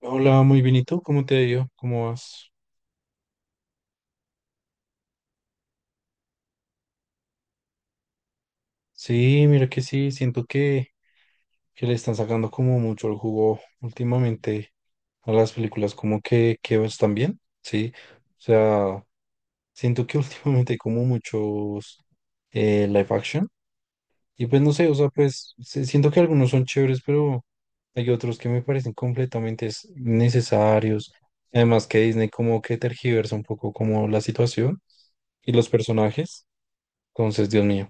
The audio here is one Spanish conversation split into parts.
Hola, muy bien. ¿Y tú? ¿Cómo te ha ido? ¿Cómo vas? Sí, mira que sí, siento que le están sacando como mucho el jugo últimamente a las películas, como que están bien, sí. O sea, siento que últimamente hay como muchos live action. Y pues no sé, o sea, pues sí, siento que algunos son chéveres, pero hay otros que me parecen completamente necesarios. Además que Disney como que tergiversa un poco como la situación y los personajes. Entonces, Dios mío.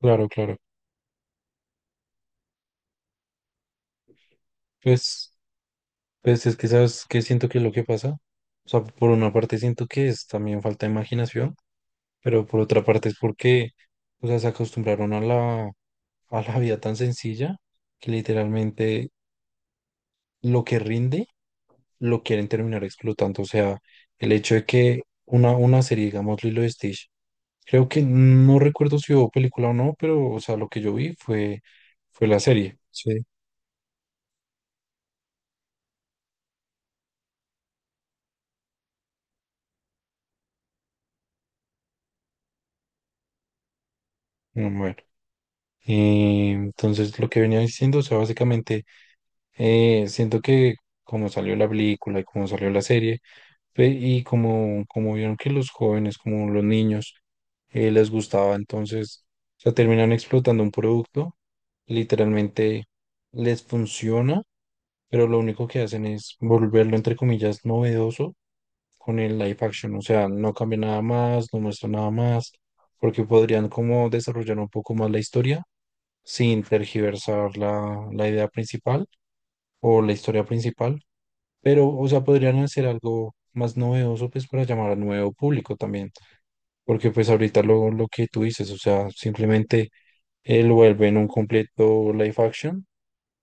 Claro, claro. Pues, pues es que sabes que siento que es lo que pasa. O sea, por una parte siento que es también falta de imaginación, pero por otra parte es porque, o sea, se acostumbraron a a la vida tan sencilla que literalmente lo que rinde lo quieren terminar explotando. O sea, el hecho de que una serie, digamos, Lilo y Stitch, creo que no recuerdo si hubo película o no, pero, o sea, lo que yo vi fue la serie. Sí. Bueno. Entonces, lo que venía diciendo, o sea, básicamente siento que como salió la película y como salió la serie, y como, como vieron que los jóvenes, como los niños, les gustaba, entonces, o sea, terminan explotando un producto, literalmente les funciona, pero lo único que hacen es volverlo, entre comillas, novedoso con el live action, o sea, no cambia nada más, no muestra nada más, porque podrían como desarrollar un poco más la historia sin tergiversar la idea principal o la historia principal pero, o sea, podrían hacer algo más novedoso, pues, para llamar a nuevo público también. Porque, pues, ahorita lo que tú dices, o sea, simplemente lo vuelven un completo live action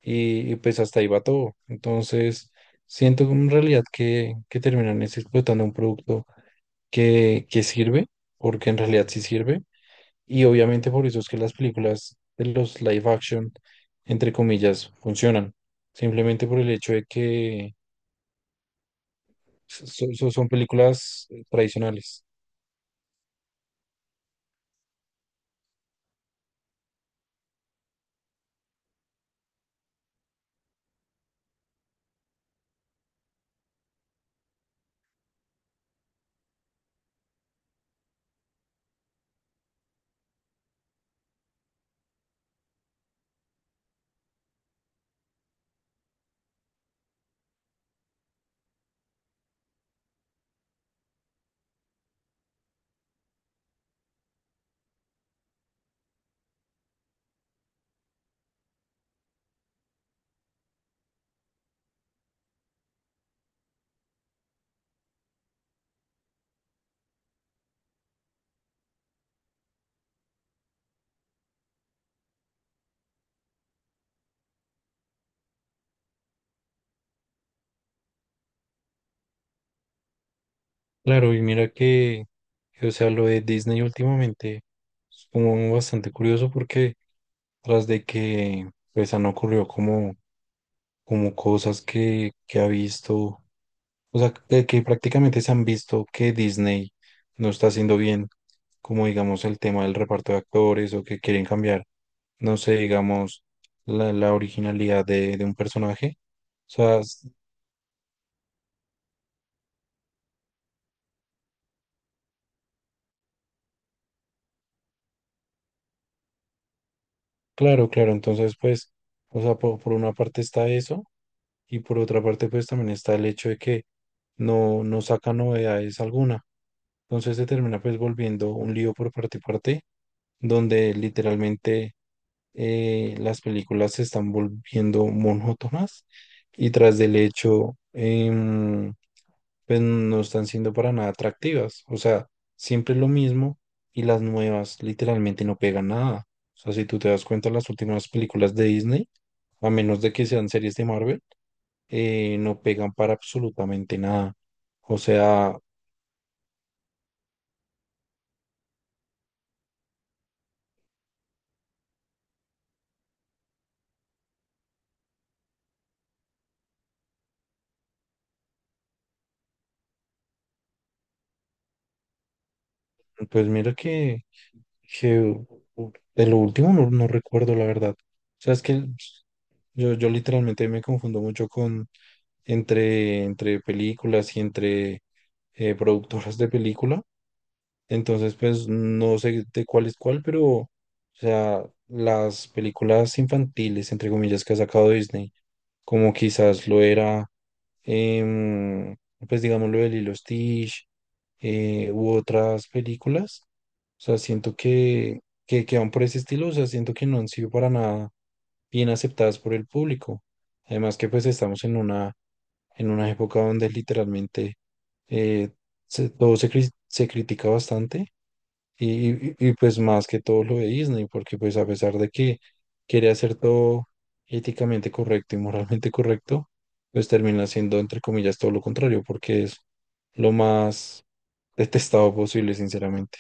y, pues, hasta ahí va todo. Entonces, siento en realidad que terminan es explotando un producto que sirve, porque en realidad sí sirve. Y obviamente por eso es que las películas de los live action, entre comillas, funcionan. Simplemente por el hecho de que so- son películas tradicionales. Claro, y mira que, o sea, lo de Disney últimamente es como bastante curioso porque tras de que pues han ocurrido como, como cosas que ha visto, o sea, que prácticamente se han visto que Disney no está haciendo bien, como digamos el tema del reparto de actores o que quieren cambiar, no sé, digamos, la originalidad de un personaje. O sea, claro, claro, entonces pues, o sea, por, una parte está eso y por otra parte pues también está el hecho de que no saca novedades alguna. Entonces se termina pues volviendo un lío por parte y parte, donde literalmente las películas se están volviendo monótonas y tras del hecho, pues no están siendo para nada atractivas. O sea, siempre es lo mismo y las nuevas literalmente no pegan nada. O sea, si tú te das cuenta, las últimas películas de Disney, a menos de que sean series de Marvel, no pegan para absolutamente nada. O sea, pues mira que de lo último no recuerdo la verdad. O sea, es que yo literalmente me confundo mucho con entre películas y entre productoras de película. Entonces, pues no sé de cuál es cuál, pero, o sea, las películas infantiles, entre comillas, que ha sacado Disney, como quizás lo era, em, pues digamos lo de Lilo y Stitch, u otras películas, o sea, siento que van por ese estilo, o sea, siento que no han sido para nada bien aceptadas por el público. Además que pues estamos en una época donde literalmente eh, todo se critica bastante. Y, y, pues más que todo lo de Disney, porque pues a pesar de que quiere hacer todo éticamente correcto y moralmente correcto, pues termina siendo entre comillas todo lo contrario, porque es lo más detestado posible, sinceramente.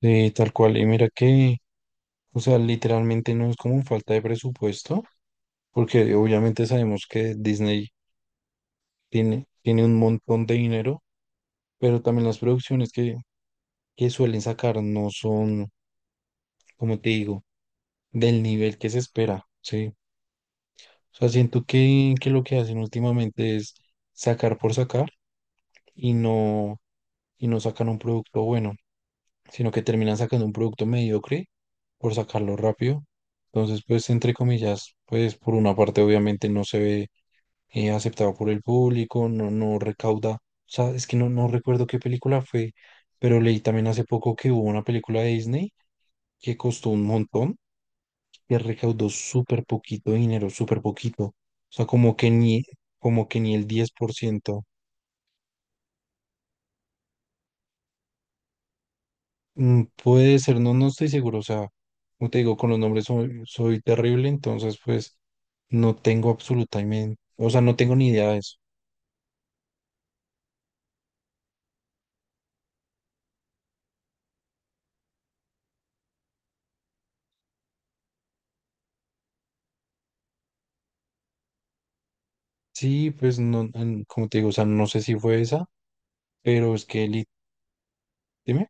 Sí, tal cual. Y mira que, o sea, literalmente no es como falta de presupuesto, porque obviamente sabemos que Disney tiene un montón de dinero, pero también las producciones que suelen sacar no son, como te digo, del nivel que se espera, ¿sí? O sea, siento que lo que hacen últimamente es sacar por sacar y y no sacan un producto bueno, sino que terminan sacando un producto mediocre por sacarlo rápido. Entonces, pues, entre comillas, pues, por una parte, obviamente no se ve aceptado por el público, no recauda, o sea, es que no recuerdo qué película fue, pero leí también hace poco que hubo una película de Disney que costó un montón que recaudó súper poquito dinero, súper poquito. O sea, como que ni el 10%. Puede ser, no estoy seguro. O sea, como te digo, con los nombres soy, soy terrible, entonces pues no tengo absolutamente, o sea, no tengo ni idea de eso. Sí, pues no, como te digo, o sea, no sé si fue esa, pero es que, dime,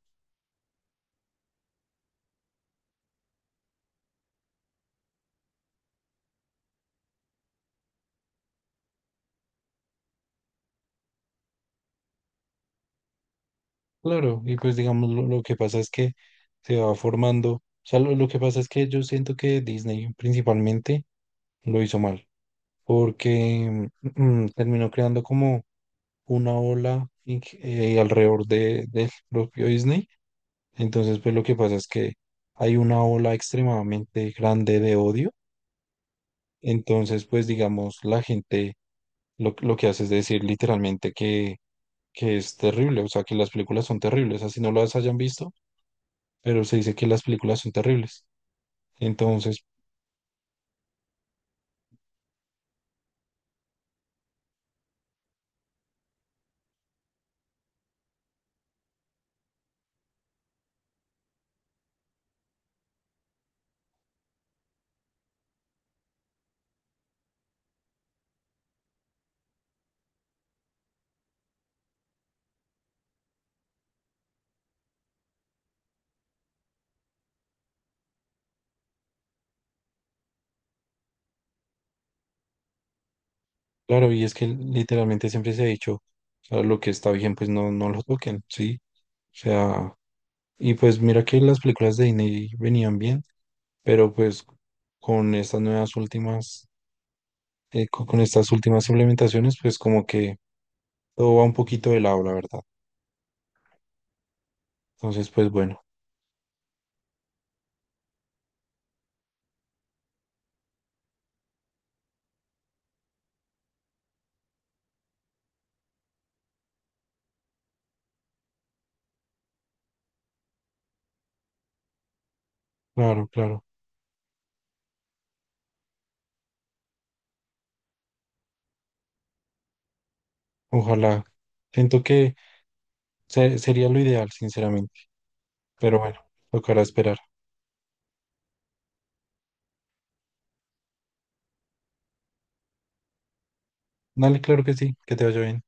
claro, y pues digamos, lo que pasa es que se va formando, o sea, lo que pasa es que yo siento que Disney principalmente lo hizo mal. Porque terminó creando como una ola alrededor de, del propio Disney. Entonces, pues lo que pasa es que hay una ola extremadamente grande de odio. Entonces, pues digamos, la gente lo que hace es decir literalmente que es terrible, o sea, que las películas son terribles, así no las hayan visto, pero se dice que las películas son terribles. Entonces, claro, y es que literalmente siempre se ha dicho, o sea, lo que está bien, pues no lo toquen, ¿sí? O sea, y pues mira que las películas de Disney venían bien, pero pues con estas nuevas últimas, con estas últimas implementaciones, pues como que todo va un poquito de lado, la verdad. Entonces, pues bueno, claro, claro. Ojalá. Siento que sería lo ideal, sinceramente. Pero bueno, tocará esperar. Dale, claro que sí, que te vaya bien.